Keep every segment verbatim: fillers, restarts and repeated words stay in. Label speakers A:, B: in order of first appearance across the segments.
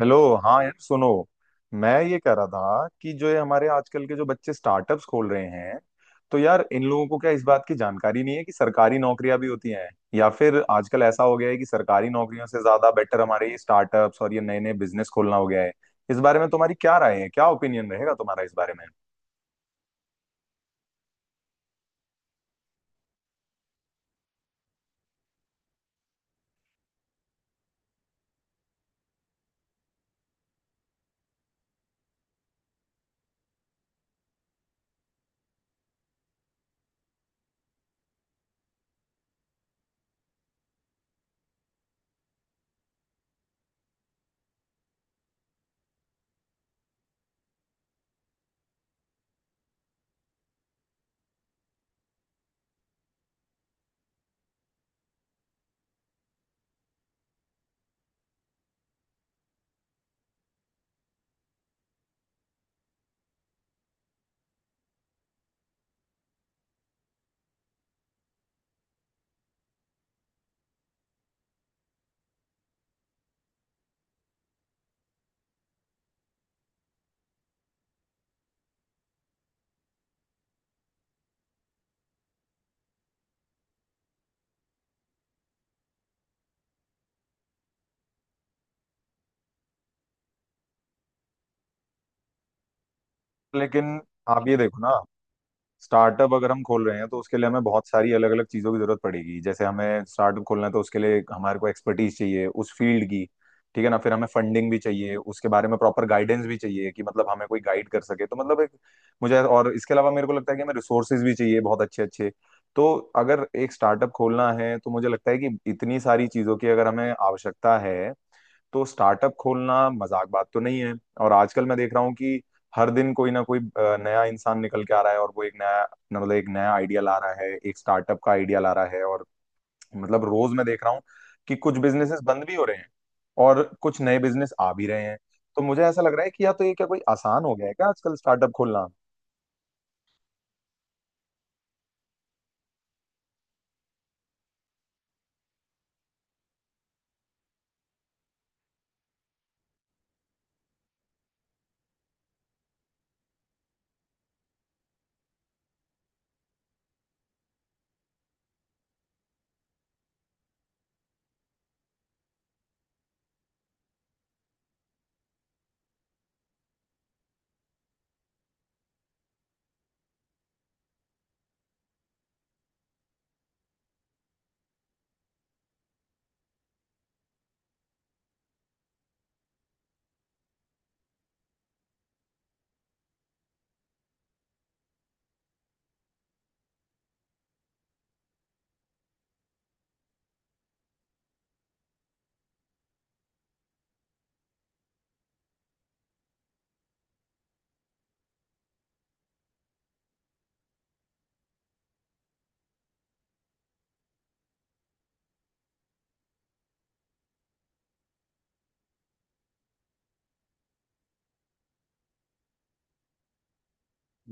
A: Hello. हाँ यार सुनो, मैं ये कह रहा था कि जो ये हमारे आजकल के जो बच्चे स्टार्टअप्स खोल रहे हैं, तो यार इन लोगों को क्या इस बात की जानकारी नहीं है कि सरकारी नौकरियां भी होती हैं? या फिर आजकल ऐसा हो गया है कि सरकारी नौकरियों से ज्यादा बेटर हमारे ये स्टार्टअप्स और ये नए नए बिजनेस खोलना हो गया है? इस बारे में तुम्हारी क्या राय है, क्या ओपिनियन रहेगा तुम्हारा इस बारे में? लेकिन आप ये देखो ना, स्टार्टअप अगर हम खोल रहे हैं तो उसके लिए हमें बहुत सारी अलग अलग चीजों की जरूरत पड़ेगी। जैसे हमें स्टार्टअप खोलना है तो उसके लिए हमारे को एक्सपर्टीज चाहिए उस फील्ड की। ठीक है ना, फिर हमें फंडिंग भी चाहिए, उसके बारे में प्रॉपर गाइडेंस भी चाहिए कि मतलब हमें कोई गाइड कर सके, तो मतलब एक मुझे, और इसके अलावा मेरे को लगता है कि हमें रिसोर्सेज भी चाहिए बहुत अच्छे अच्छे। तो अगर एक स्टार्टअप खोलना है तो मुझे लगता है कि इतनी सारी चीजों की अगर हमें आवश्यकता है, तो स्टार्टअप खोलना मजाक बात तो नहीं है। और आजकल मैं देख रहा हूँ कि हर दिन कोई ना कोई अ, नया इंसान निकल के आ रहा है और वो एक नया न- मतलब एक नया आइडिया ला रहा है, एक स्टार्टअप का आइडिया ला रहा है। और मतलब रोज मैं देख रहा हूँ कि कुछ बिजनेसेस बंद भी हो रहे हैं और कुछ नए बिजनेस आ भी रहे हैं। तो मुझे ऐसा लग रहा है कि या तो ये क्या कोई आसान हो गया है क्या आजकल स्टार्टअप खोलना?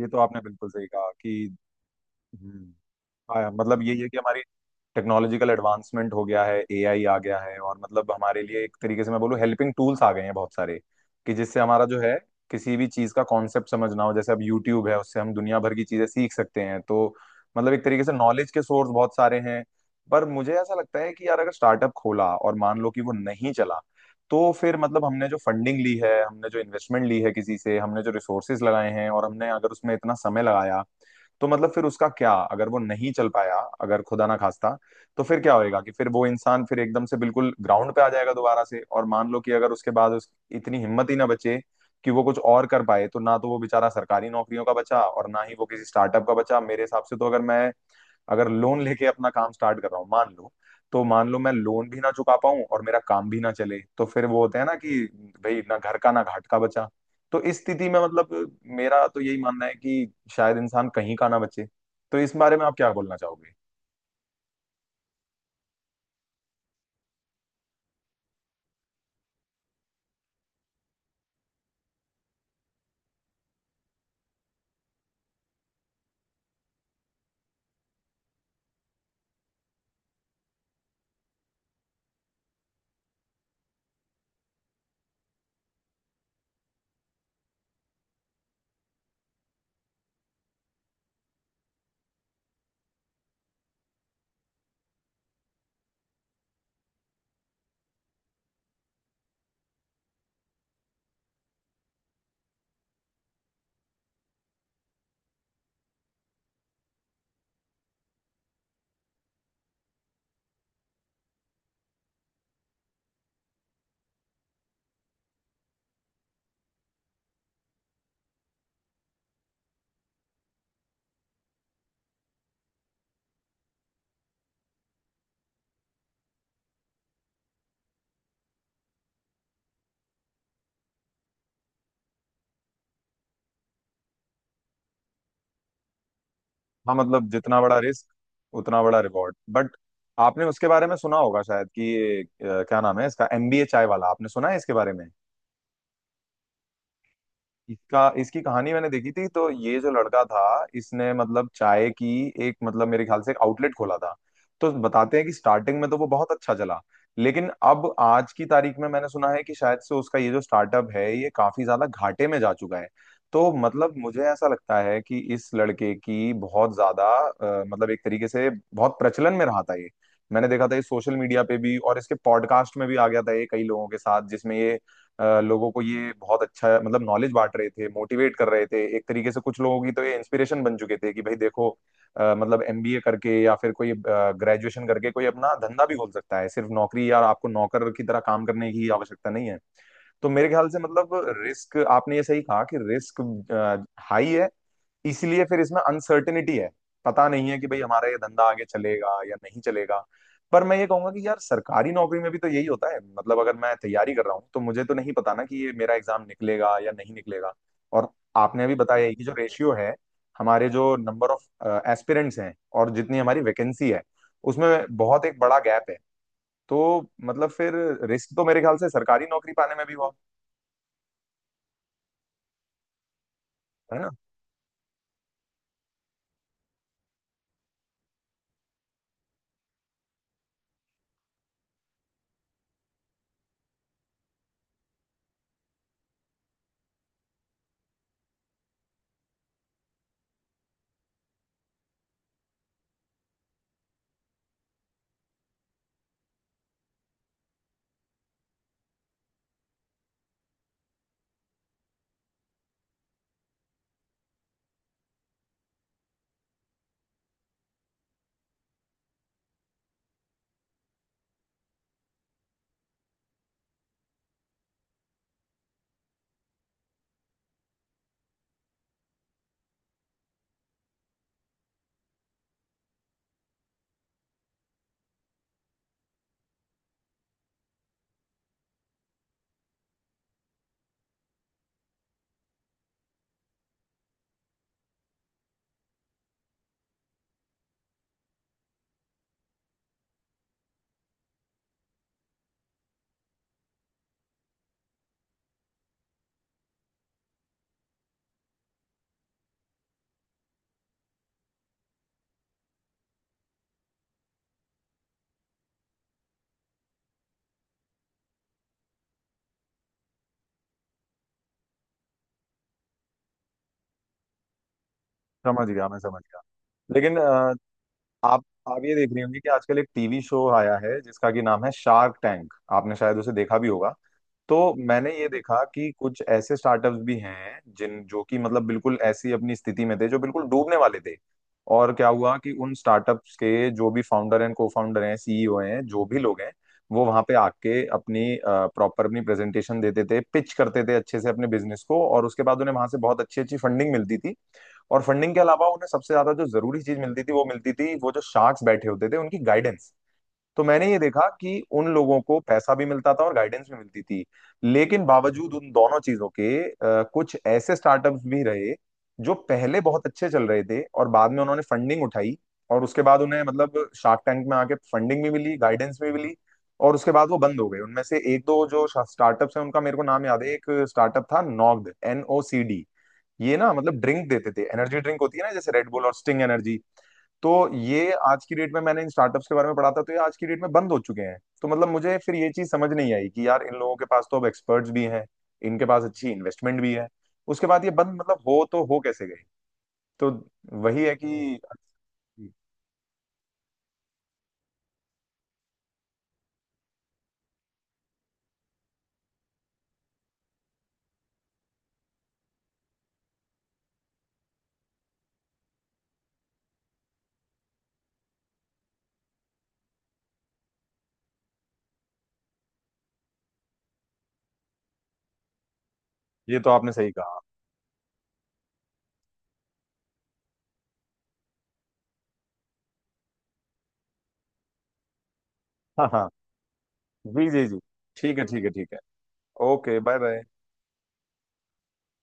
A: ये तो आपने बिल्कुल सही कहा कि, हम्म, हाँ, मतलब यही है कि हमारी टेक्नोलॉजिकल एडवांसमेंट हो गया है, एआई आ गया है, और मतलब हमारे लिए एक तरीके से मैं बोलूँ हेल्पिंग टूल्स आ गए हैं बहुत सारे, कि जिससे हमारा जो है किसी भी चीज का कॉन्सेप्ट समझना हो, जैसे अब यूट्यूब है उससे हम दुनिया भर की चीजें सीख सकते हैं। तो मतलब एक तरीके से नॉलेज के सोर्स बहुत सारे हैं। पर मुझे ऐसा लगता है कि यार अगर स्टार्टअप खोला और मान लो कि वो नहीं चला, तो फिर मतलब हमने जो फंडिंग ली है, हमने जो इन्वेस्टमेंट ली है किसी से, हमने जो रिसोर्सेज लगाए हैं, और हमने अगर उसमें इतना समय लगाया, तो मतलब फिर उसका क्या अगर वो नहीं चल पाया, अगर खुदा ना खास्ता। तो फिर क्या होएगा कि फिर वो इंसान फिर एकदम से बिल्कुल ग्राउंड पे आ जाएगा दोबारा से। और मान लो कि अगर उसके बाद उस इतनी हिम्मत ही ना बचे कि वो कुछ और कर पाए, तो ना तो वो बेचारा सरकारी नौकरियों का बचा और ना ही वो किसी स्टार्टअप का बचा। मेरे हिसाब से तो अगर मैं अगर लोन लेके अपना काम स्टार्ट कर रहा हूँ मान लो, तो मान लो मैं लोन भी ना चुका पाऊं और मेरा काम भी ना चले, तो फिर वो होता है ना कि भाई ना घर का ना घाट का बचा। तो इस स्थिति में मतलब मेरा तो यही मानना है कि शायद इंसान कहीं का ना बचे। तो इस बारे में आप क्या बोलना चाहोगे? हाँ मतलब जितना बड़ा रिस्क उतना बड़ा रिवॉर्ड, बट आपने उसके बारे में सुना होगा शायद कि ये, अ, क्या नाम है इसका, एमबीए चाय वाला, आपने सुना है इसके बारे में? इसका इसकी कहानी मैंने देखी थी। तो ये जो लड़का था इसने मतलब चाय की एक मतलब मेरे ख्याल से एक आउटलेट खोला था। तो बताते हैं कि स्टार्टिंग में तो वो बहुत अच्छा चला, लेकिन अब आज की तारीख में मैंने सुना है कि शायद से उसका ये जो स्टार्टअप है ये काफी ज्यादा घाटे में जा चुका है। तो मतलब मुझे ऐसा लगता है कि इस लड़के की बहुत ज्यादा अ, मतलब एक तरीके से बहुत प्रचलन में रहा था ये। मैंने देखा था ये सोशल मीडिया पे भी, और इसके पॉडकास्ट में भी आ गया था ये कई लोगों के साथ, जिसमें ये अ, लोगों को ये बहुत अच्छा मतलब नॉलेज बांट रहे थे, मोटिवेट कर रहे थे एक तरीके से। कुछ लोगों की तो ये इंस्पिरेशन बन चुके थे कि भाई देखो, अ, मतलब एमबीए करके या फिर कोई ग्रेजुएशन करके कोई अपना धंधा भी खोल सकता है, सिर्फ नौकरी या आपको नौकर की तरह काम करने की आवश्यकता नहीं है। तो मेरे ख्याल से मतलब रिस्क, आपने ये सही कहा कि रिस्क हाई है, इसलिए फिर इसमें अनसर्टेनिटी है। पता नहीं है कि भाई हमारा ये धंधा आगे चलेगा या नहीं चलेगा। पर मैं ये कहूंगा कि यार सरकारी नौकरी में भी तो यही होता है। मतलब अगर मैं तैयारी कर रहा हूँ तो मुझे तो नहीं पता ना कि ये मेरा एग्जाम निकलेगा या नहीं निकलेगा। और आपने अभी बताया ही कि जो रेशियो है, हमारे जो नंबर ऑफ एस्पिरेंट्स हैं और जितनी हमारी वैकेंसी है, उसमें बहुत एक बड़ा गैप है। तो मतलब फिर रिस्क तो मेरे ख्याल से सरकारी नौकरी पाने में भी हुआ, है ना? समझ गया, मैं समझ गया। लेकिन अ, आप आप ये देख रही होंगी कि आजकल एक टीवी शो आया है जिसका कि नाम है शार्क टैंक, आपने शायद उसे देखा भी होगा। तो मैंने ये देखा कि कुछ ऐसे स्टार्टअप्स भी हैं जिन जो कि मतलब बिल्कुल ऐसी अपनी स्थिति में थे जो बिल्कुल डूबने वाले थे। और क्या हुआ कि उन स्टार्टअप्स के जो भी फाउंडर एंड को फाउंडर हैं, सीईओ हैं, जो भी लोग हैं, वो वहां पे आके अपनी प्रॉपर अपनी प्रेजेंटेशन देते थे, पिच करते थे अच्छे से अपने बिजनेस को, और उसके बाद उन्हें वहां से बहुत अच्छी अच्छी फंडिंग मिलती थी। और फंडिंग के अलावा उन्हें सबसे ज्यादा जो जरूरी चीज मिलती थी वो मिलती थी वो जो शार्क्स बैठे होते थे उनकी गाइडेंस। तो मैंने ये देखा कि उन लोगों को पैसा भी मिलता था और गाइडेंस भी मिलती थी। लेकिन बावजूद उन दोनों चीजों के अ, कुछ ऐसे स्टार्टअप्स भी रहे जो पहले बहुत अच्छे चल रहे थे और बाद में उन्होंने फंडिंग उठाई, और उसके बाद उन्हें मतलब शार्क टैंक में आके फंडिंग भी मिली, गाइडेंस भी मिली, और उसके बाद वो बंद हो गए। उनमें से एक दो जो स्टार्टअप्स हैं उनका मेरे को नाम याद है, एक स्टार्टअप था Nocd, N O C D. ये ना मतलब ड्रिंक देते थे, एनर्जी ड्रिंक होती है ना जैसे रेड बुल और स्टिंग एनर्जी। तो ये आज की डेट में, मैंने इन स्टार्टअप्स के बारे में पढ़ा था, तो ये आज की डेट में बंद हो चुके हैं। तो मतलब मुझे फिर ये चीज समझ नहीं आई कि यार इन लोगों के पास तो अब एक्सपर्ट्स भी हैं, इनके पास अच्छी इन्वेस्टमेंट भी है, उसके बाद ये बंद मतलब हो तो हो कैसे गई? तो वही है कि ये तो आपने सही कहा। हाँ हाँ। जी जी जी। ठीक है ठीक है ठीक है। Okay bye bye.